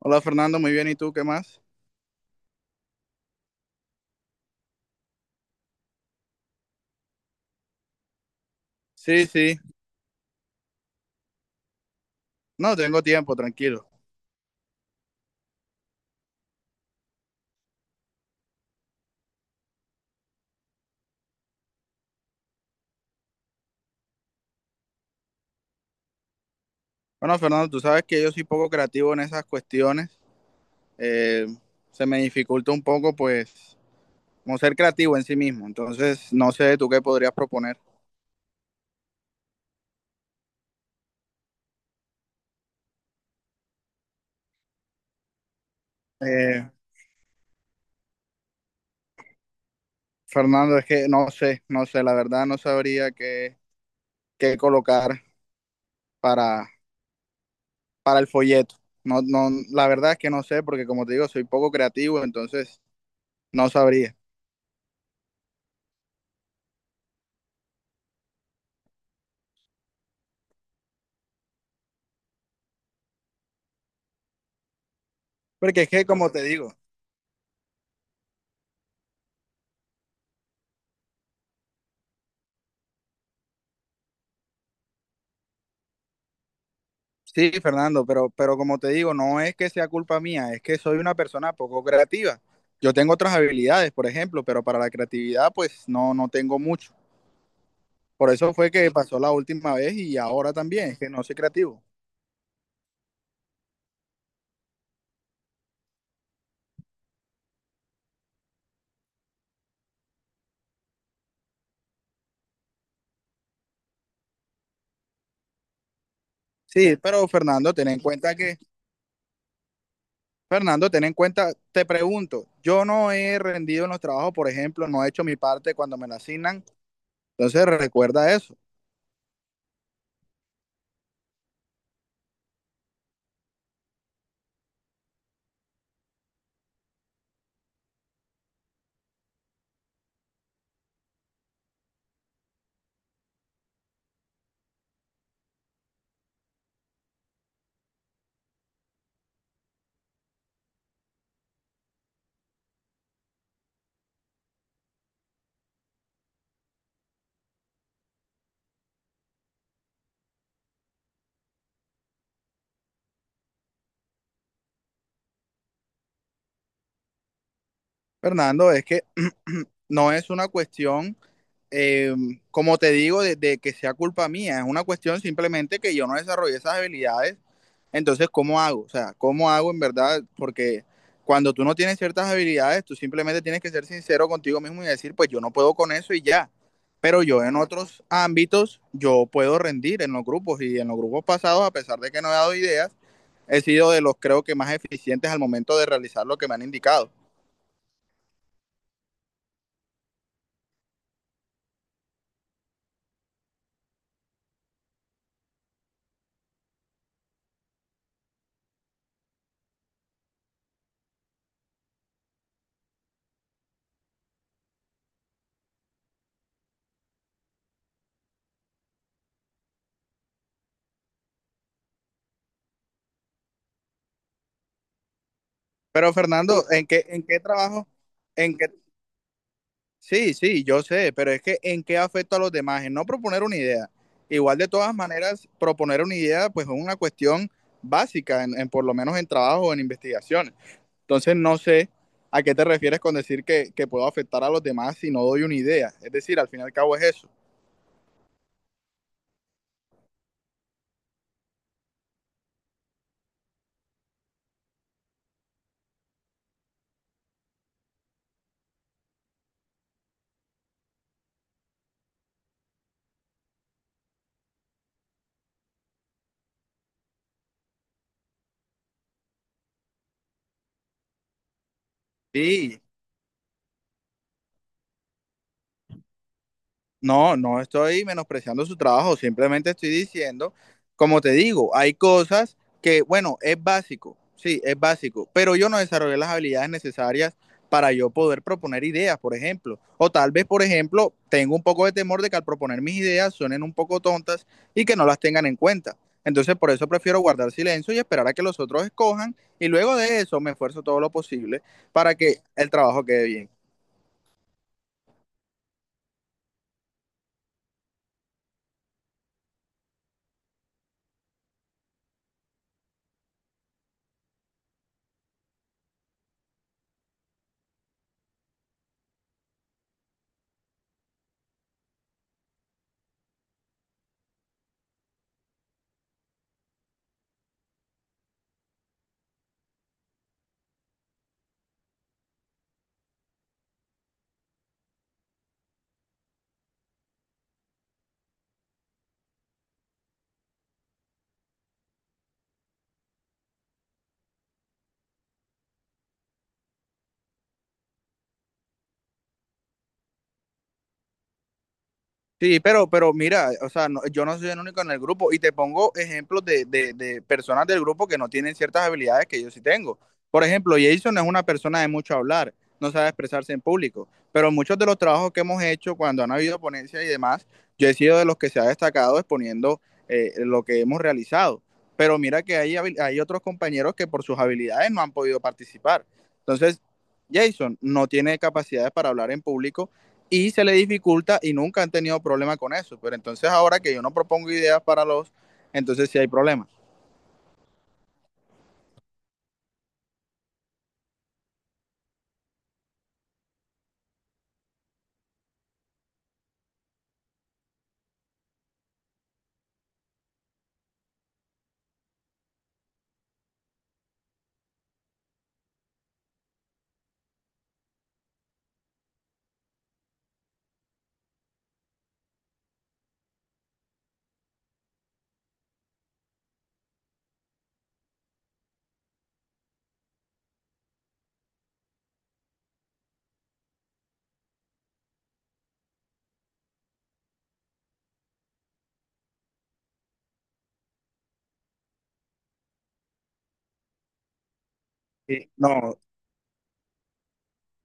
Hola Fernando, muy bien. ¿Y tú qué más? Sí, sí. No, tengo tiempo, tranquilo. Bueno, Fernando, tú sabes que yo soy poco creativo en esas cuestiones. Eh, Se me dificulta un poco, pues, como ser creativo en sí mismo. Entonces, no sé tú qué podrías proponer. Eh, Fernando, es que no sé, la verdad no sabría qué colocar para, para el folleto. No, no, la verdad es que no sé, porque como te digo, soy poco creativo, entonces no sabría. Porque es que, como te digo, sí, Fernando, pero como te digo, no es que sea culpa mía, es que soy una persona poco creativa. Yo tengo otras habilidades, por ejemplo, pero para la creatividad, pues no, no tengo mucho. Por eso fue que pasó la última vez y ahora también, es que no soy creativo. Sí, pero Fernando, ten en cuenta que, Fernando, ten en cuenta, te pregunto, yo no he rendido en los trabajos, por ejemplo, no he hecho mi parte cuando me la asignan, entonces recuerda eso. Fernando, es que no es una cuestión, eh, como te digo, de que sea culpa mía, es una cuestión simplemente que yo no desarrollé esas habilidades. Entonces, ¿cómo hago? O sea, ¿cómo hago en verdad? Porque cuando tú no tienes ciertas habilidades, tú simplemente tienes que ser sincero contigo mismo y decir, pues yo no puedo con eso y ya. Pero yo en otros ámbitos, yo puedo rendir en los grupos y en los grupos pasados, a pesar de que no he dado ideas, he sido de los creo que más eficientes al momento de realizar lo que me han indicado. Pero Fernando, ¿en qué trabajo? En qué... Sí, sí, yo sé, pero es que ¿en qué afecta a los demás? En no proponer una idea. Igual de todas maneras, proponer una idea pues es una cuestión básica, en por lo menos en trabajo o en investigaciones. Entonces no sé a qué te refieres con decir que puedo afectar a los demás si no doy una idea. Es decir, al fin y al cabo es eso. Sí, no, no estoy menospreciando su trabajo, simplemente estoy diciendo, como te digo, hay cosas que, bueno, es básico, sí, es básico, pero yo no desarrollé las habilidades necesarias para yo poder proponer ideas, por ejemplo. O tal vez, por ejemplo, tengo un poco de temor de que al proponer mis ideas suenen un poco tontas y que no las tengan en cuenta. Entonces, por eso prefiero guardar silencio y esperar a que los otros escojan y luego de eso me esfuerzo todo lo posible para que el trabajo quede bien. Sí, pero mira, o sea, no- yo no soy el único en el grupo y te pongo ejemplos de personas del grupo que no tienen ciertas habilidades que yo sí tengo. Por ejemplo, Jason es una persona de mucho hablar, no sabe expresarse en público, pero muchos de los trabajos que hemos hecho cuando han habido ponencias y demás, yo he sido de los que se ha destacado exponiendo lo que hemos realizado. Pero mira que hay otros compañeros que por sus habilidades no han podido participar. Entonces, Jason no tiene capacidades para hablar en público y se le dificulta y nunca han tenido problema con eso. Pero entonces ahora que yo no propongo ideas entonces sí hay problemas. Sí, no,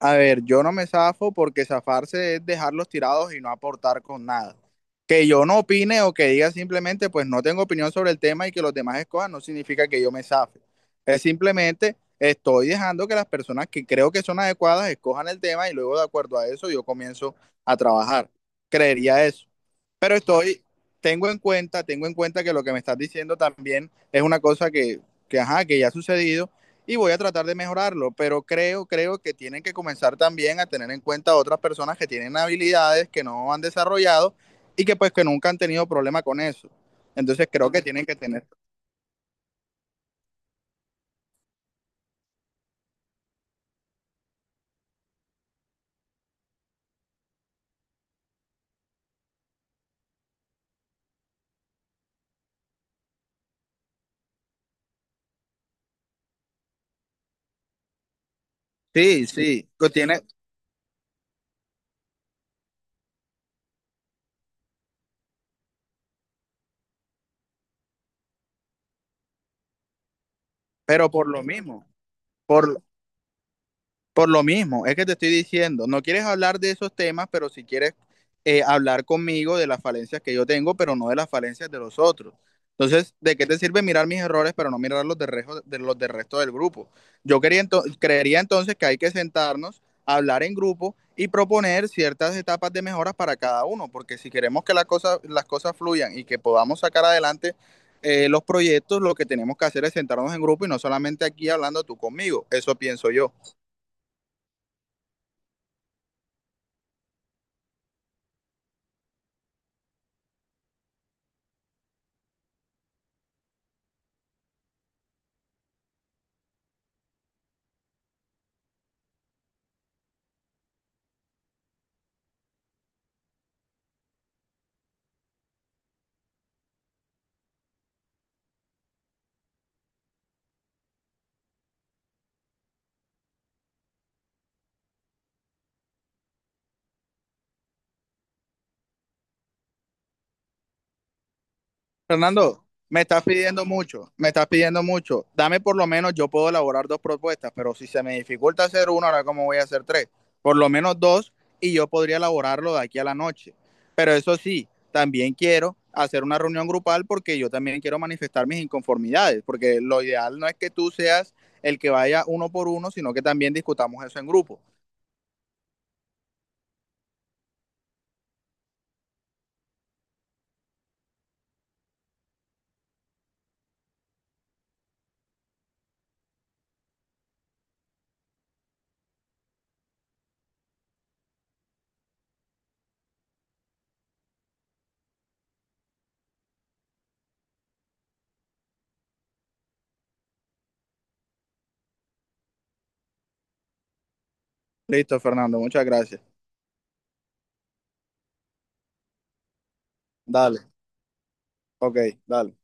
a ver, yo no me zafo porque zafarse es dejarlos tirados y no aportar con nada. Que yo no opine o que diga simplemente, pues no tengo opinión sobre el tema y que los demás escojan, no significa que yo me zafe. Es simplemente estoy dejando que las personas que creo que son adecuadas escojan el tema y luego de acuerdo a eso yo comienzo a trabajar. Creería eso. Pero estoy, tengo en cuenta que lo que me estás diciendo también es una cosa que, ajá, que ya ha sucedido y voy a tratar de mejorarlo, pero creo que tienen que comenzar también a tener en cuenta a otras personas que tienen habilidades que no han desarrollado y que pues que nunca han tenido problema con eso. Entonces creo que tienen que tener, sí, sí, pero por, Por lo mismo, es que te estoy diciendo, no quieres hablar de esos temas, pero si quieres hablar conmigo de las falencias que yo tengo, pero no de las falencias de los otros. Entonces, ¿de qué te sirve mirar mis errores, pero no mirar los de los del resto del grupo? Yo quería creería entonces que hay que sentarnos, hablar en grupo y proponer ciertas etapas de mejoras para cada uno, porque si queremos que las cosas fluyan y que podamos sacar adelante los proyectos, lo que tenemos que hacer es sentarnos en grupo y no solamente aquí hablando tú conmigo. Eso pienso yo. Fernando, me estás pidiendo mucho, me estás pidiendo mucho. Dame por lo menos, yo puedo elaborar dos propuestas, pero si se me dificulta hacer una, ahora cómo voy a hacer tres. Por lo menos dos y yo podría elaborarlo de aquí a la noche. Pero eso sí, también quiero hacer una reunión grupal porque yo también quiero manifestar mis inconformidades, porque lo ideal no es que tú seas el que vaya uno por uno, sino que también discutamos eso en grupo. Listo, Fernando, muchas gracias. Dale, ok, dale.